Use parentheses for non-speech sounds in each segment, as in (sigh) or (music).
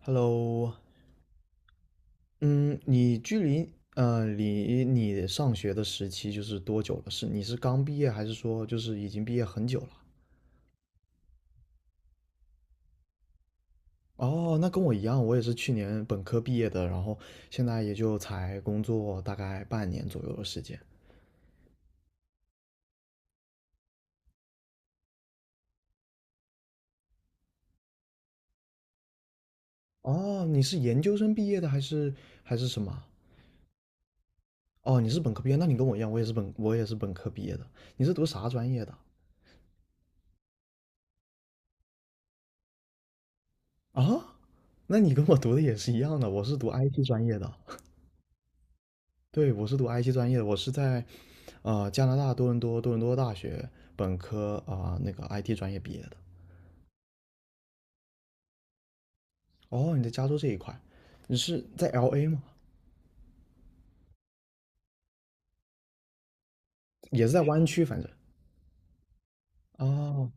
Hello，嗯，你离你上学的时期就是多久了？是你是刚毕业，还是说就是已经毕业很久了？哦，那跟我一样，我也是去年本科毕业的，然后现在也就才工作大概半年左右的时间。哦，你是研究生毕业的还是什么？哦，你是本科毕业，那你跟我一样，我也是本科毕业的。你是读啥专业的啊？那你跟我读的也是一样的，我是读 IT 专业的。对，我是读 IT 专业的，我是在加拿大多伦多大学本科那个 IT 专业毕业的。哦，你在加州这一块，你是在 LA 吗？也是在湾区，反正。哦，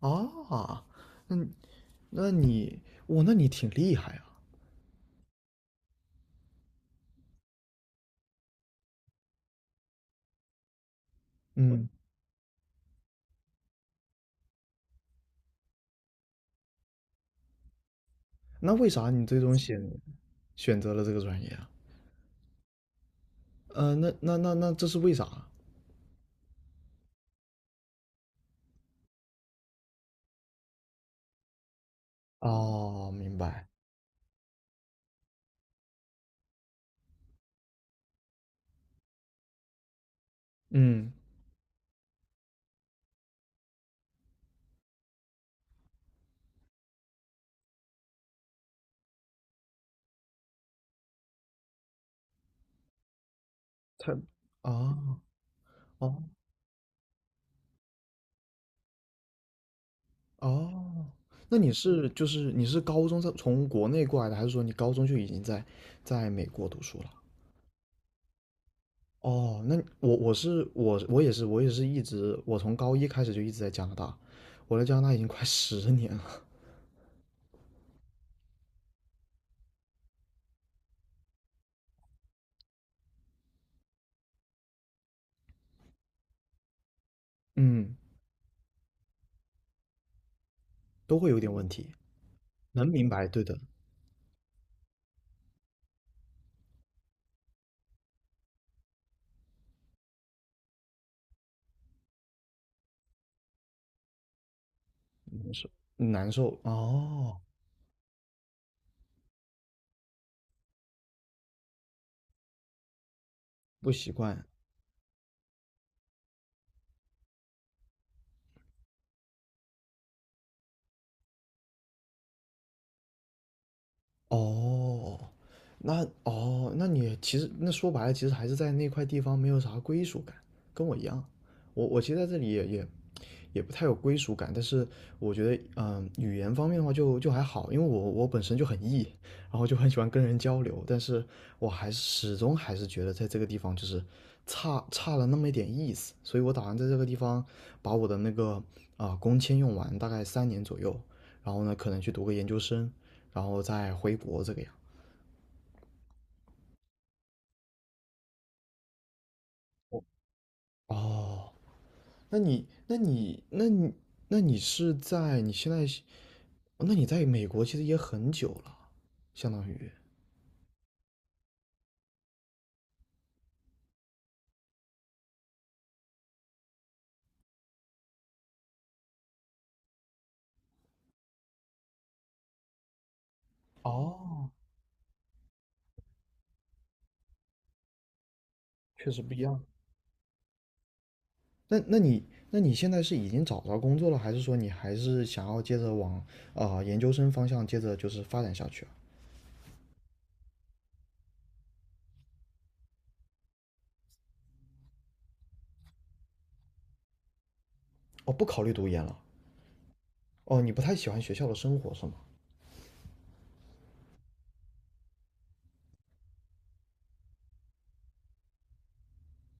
啊，那那你，哇，那你挺厉害啊。嗯，那为啥你最终选择了这个专业啊？那这是为啥啊？哦，明白。嗯，他，啊哦，哦，那你是高中在从国内过来的，还是说你高中就已经在美国读书了？哦，那我我是我我也是我也是一直我从高一开始就一直在加拿大，我在加拿大已经快 (laughs) 10年了，嗯，都会有点问题，能明白，对的，难受哦，不习惯哦，那哦，那你其实那说白了，其实还是在那块地方没有啥归属感，跟我一样，我其实在这里也不太有归属感，但是我觉得，语言方面的话就还好，因为我本身就很 E，然后就很喜欢跟人交流，但是我还是始终还是觉得在这个地方就是差了那么一点意思，所以我打算在这个地方把我的那个工签用完，大概3年左右，然后呢可能去读个研究生，然后再回国这个样。哦，那你那你那你那你是在你现在那你在美国其实也很久了，相当于。哦，确实不一样。那你现在是已经找着工作了，还是说你还是想要接着往研究生方向接着就是发展下去啊？哦，不考虑读研了。哦，你不太喜欢学校的生活是吗？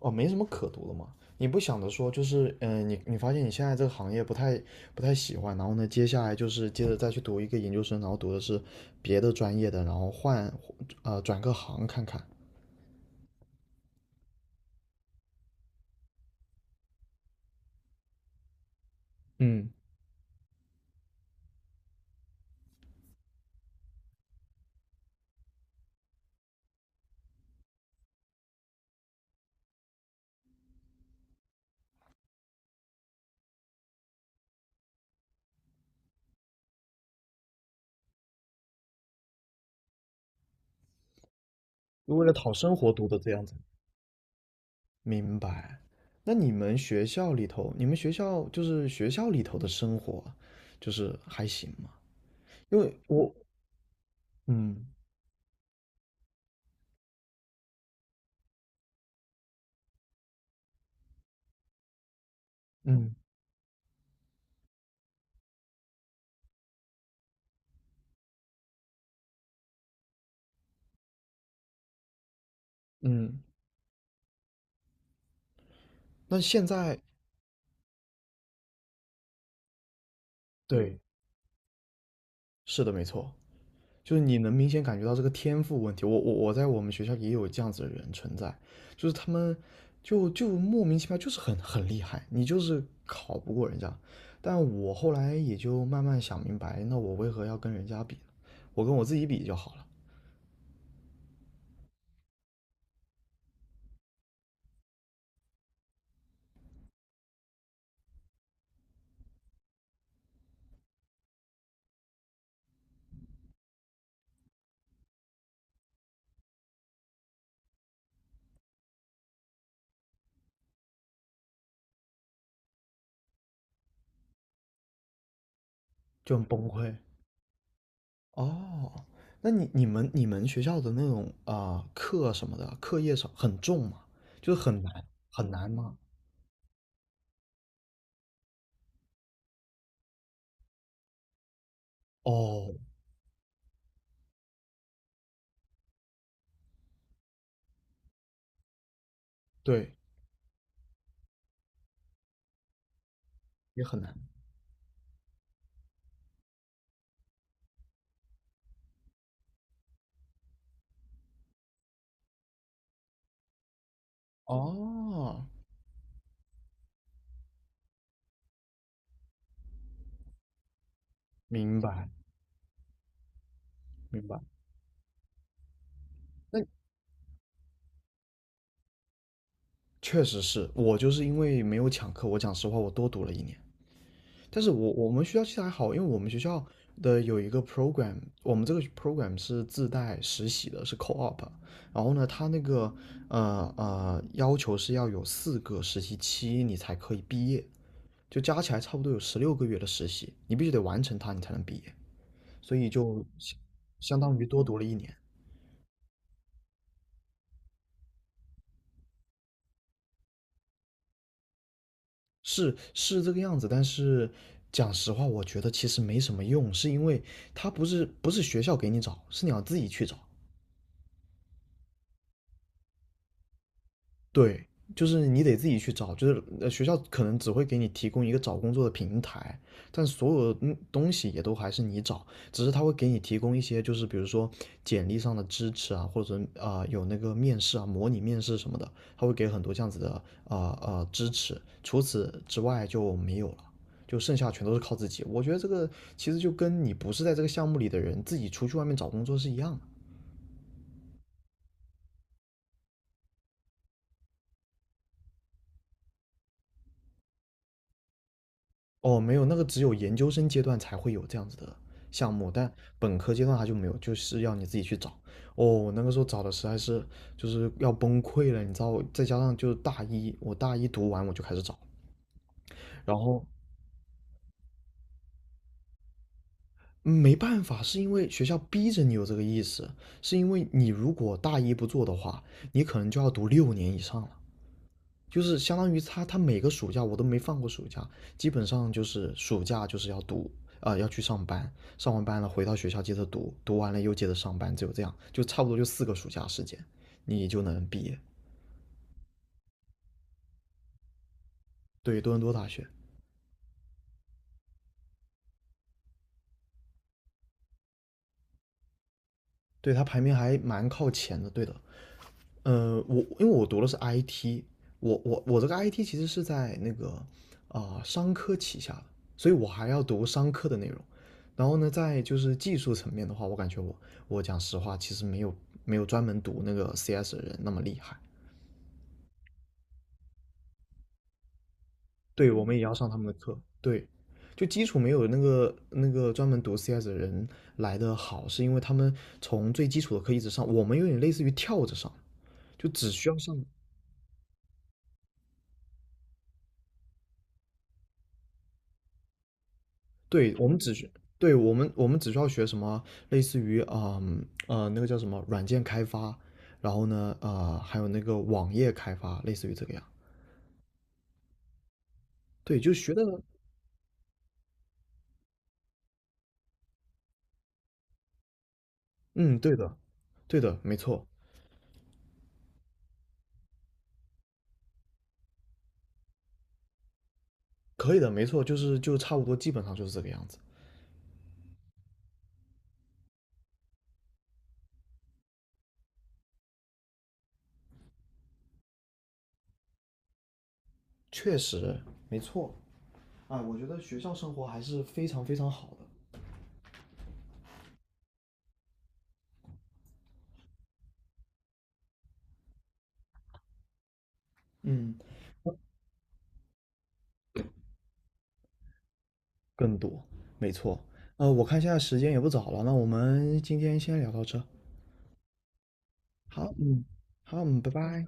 哦，没什么可读的嘛。你不想着说就是你发现你现在这个行业不太喜欢，然后呢，接下来就是接着再去读一个研究生，然后读的是别的专业的，然后转个行看看。嗯，就为了讨生活读的这样子。明白。那你们学校里头，你们学校就是学校里头的生活，就是还行吗？因为我，嗯嗯嗯，那现在，对，是的，没错，就是你能明显感觉到这个天赋问题。我在我们学校也有这样子的人存在，就是他们就莫名其妙就是很厉害，你就是考不过人家。但我后来也就慢慢想明白，那我为何要跟人家比呢？我跟我自己比就好了，就很崩溃。哦，那你们学校的那种课什么的，课业上很重吗？就是很难吗？哦，对，也很难。哦，明白明白。那确实是我就是因为没有抢课，我讲实话，我多读了一年。但是我们学校其实还好，因为我们学校的有一个 program，我们这个 program 是自带实习的，是 co-op。然后呢，它那个要求是要有4个实习期你才可以毕业，就加起来差不多有16个月的实习，你必须得完成它你才能毕业，所以就相当于多读了一年。是这个样子，但是讲实话，我觉得其实没什么用，是因为它不是学校给你找，是你要自己去找。对，就是你得自己去找，就是学校可能只会给你提供一个找工作的平台，但所有的东西也都还是你找，只是他会给你提供一些，就是比如说简历上的支持啊，或者有那个面试啊，模拟面试什么的，他会给很多这样子的支持，除此之外就没有了。就剩下全都是靠自己，我觉得这个其实就跟你不是在这个项目里的人自己出去外面找工作是一样的。哦，没有，那个只有研究生阶段才会有这样子的项目，但本科阶段它就没有，就是要你自己去找。哦，我那个时候找的实在是就是要崩溃了，你知道我再加上就是大一，我大一读完我就开始找，然后嗯没办法，是因为学校逼着你有这个意识，是因为你如果大一不做的话，你可能就要读6年以上了。就是相当于他每个暑假我都没放过暑假，基本上就是暑假就是要读要去上班，上完班了回到学校接着读，读完了又接着上班，只有这样，就差不多就4个暑假时间，你就能毕业。对，多伦多大学，对他排名还蛮靠前的，对的。我因为我读的是 IT，我这个 IT 其实是在那个商科旗下的，所以我还要读商科的内容。然后呢，在就是技术层面的话，我感觉我我讲实话，其实没有专门读那个 CS 的人那么厉害。对，我们也要上他们的课，对，就基础没有那个专门读 CS 的人来的好，是因为他们从最基础的课一直上，我们有点类似于跳着上，就只需要上。对，我们只需，对，我们只需要学什么，类似于那个叫什么软件开发，然后呢还有那个网页开发，类似于这个样。对，就学的，嗯，对的，对的，没错，可以的，没错，就差不多，基本上就是这个样子。确实，没错。啊，我觉得学校生活还是非常非常好的。嗯，更多，没错。我看现在时间也不早了，那我们今天先聊到这。好，嗯，好，嗯，拜拜。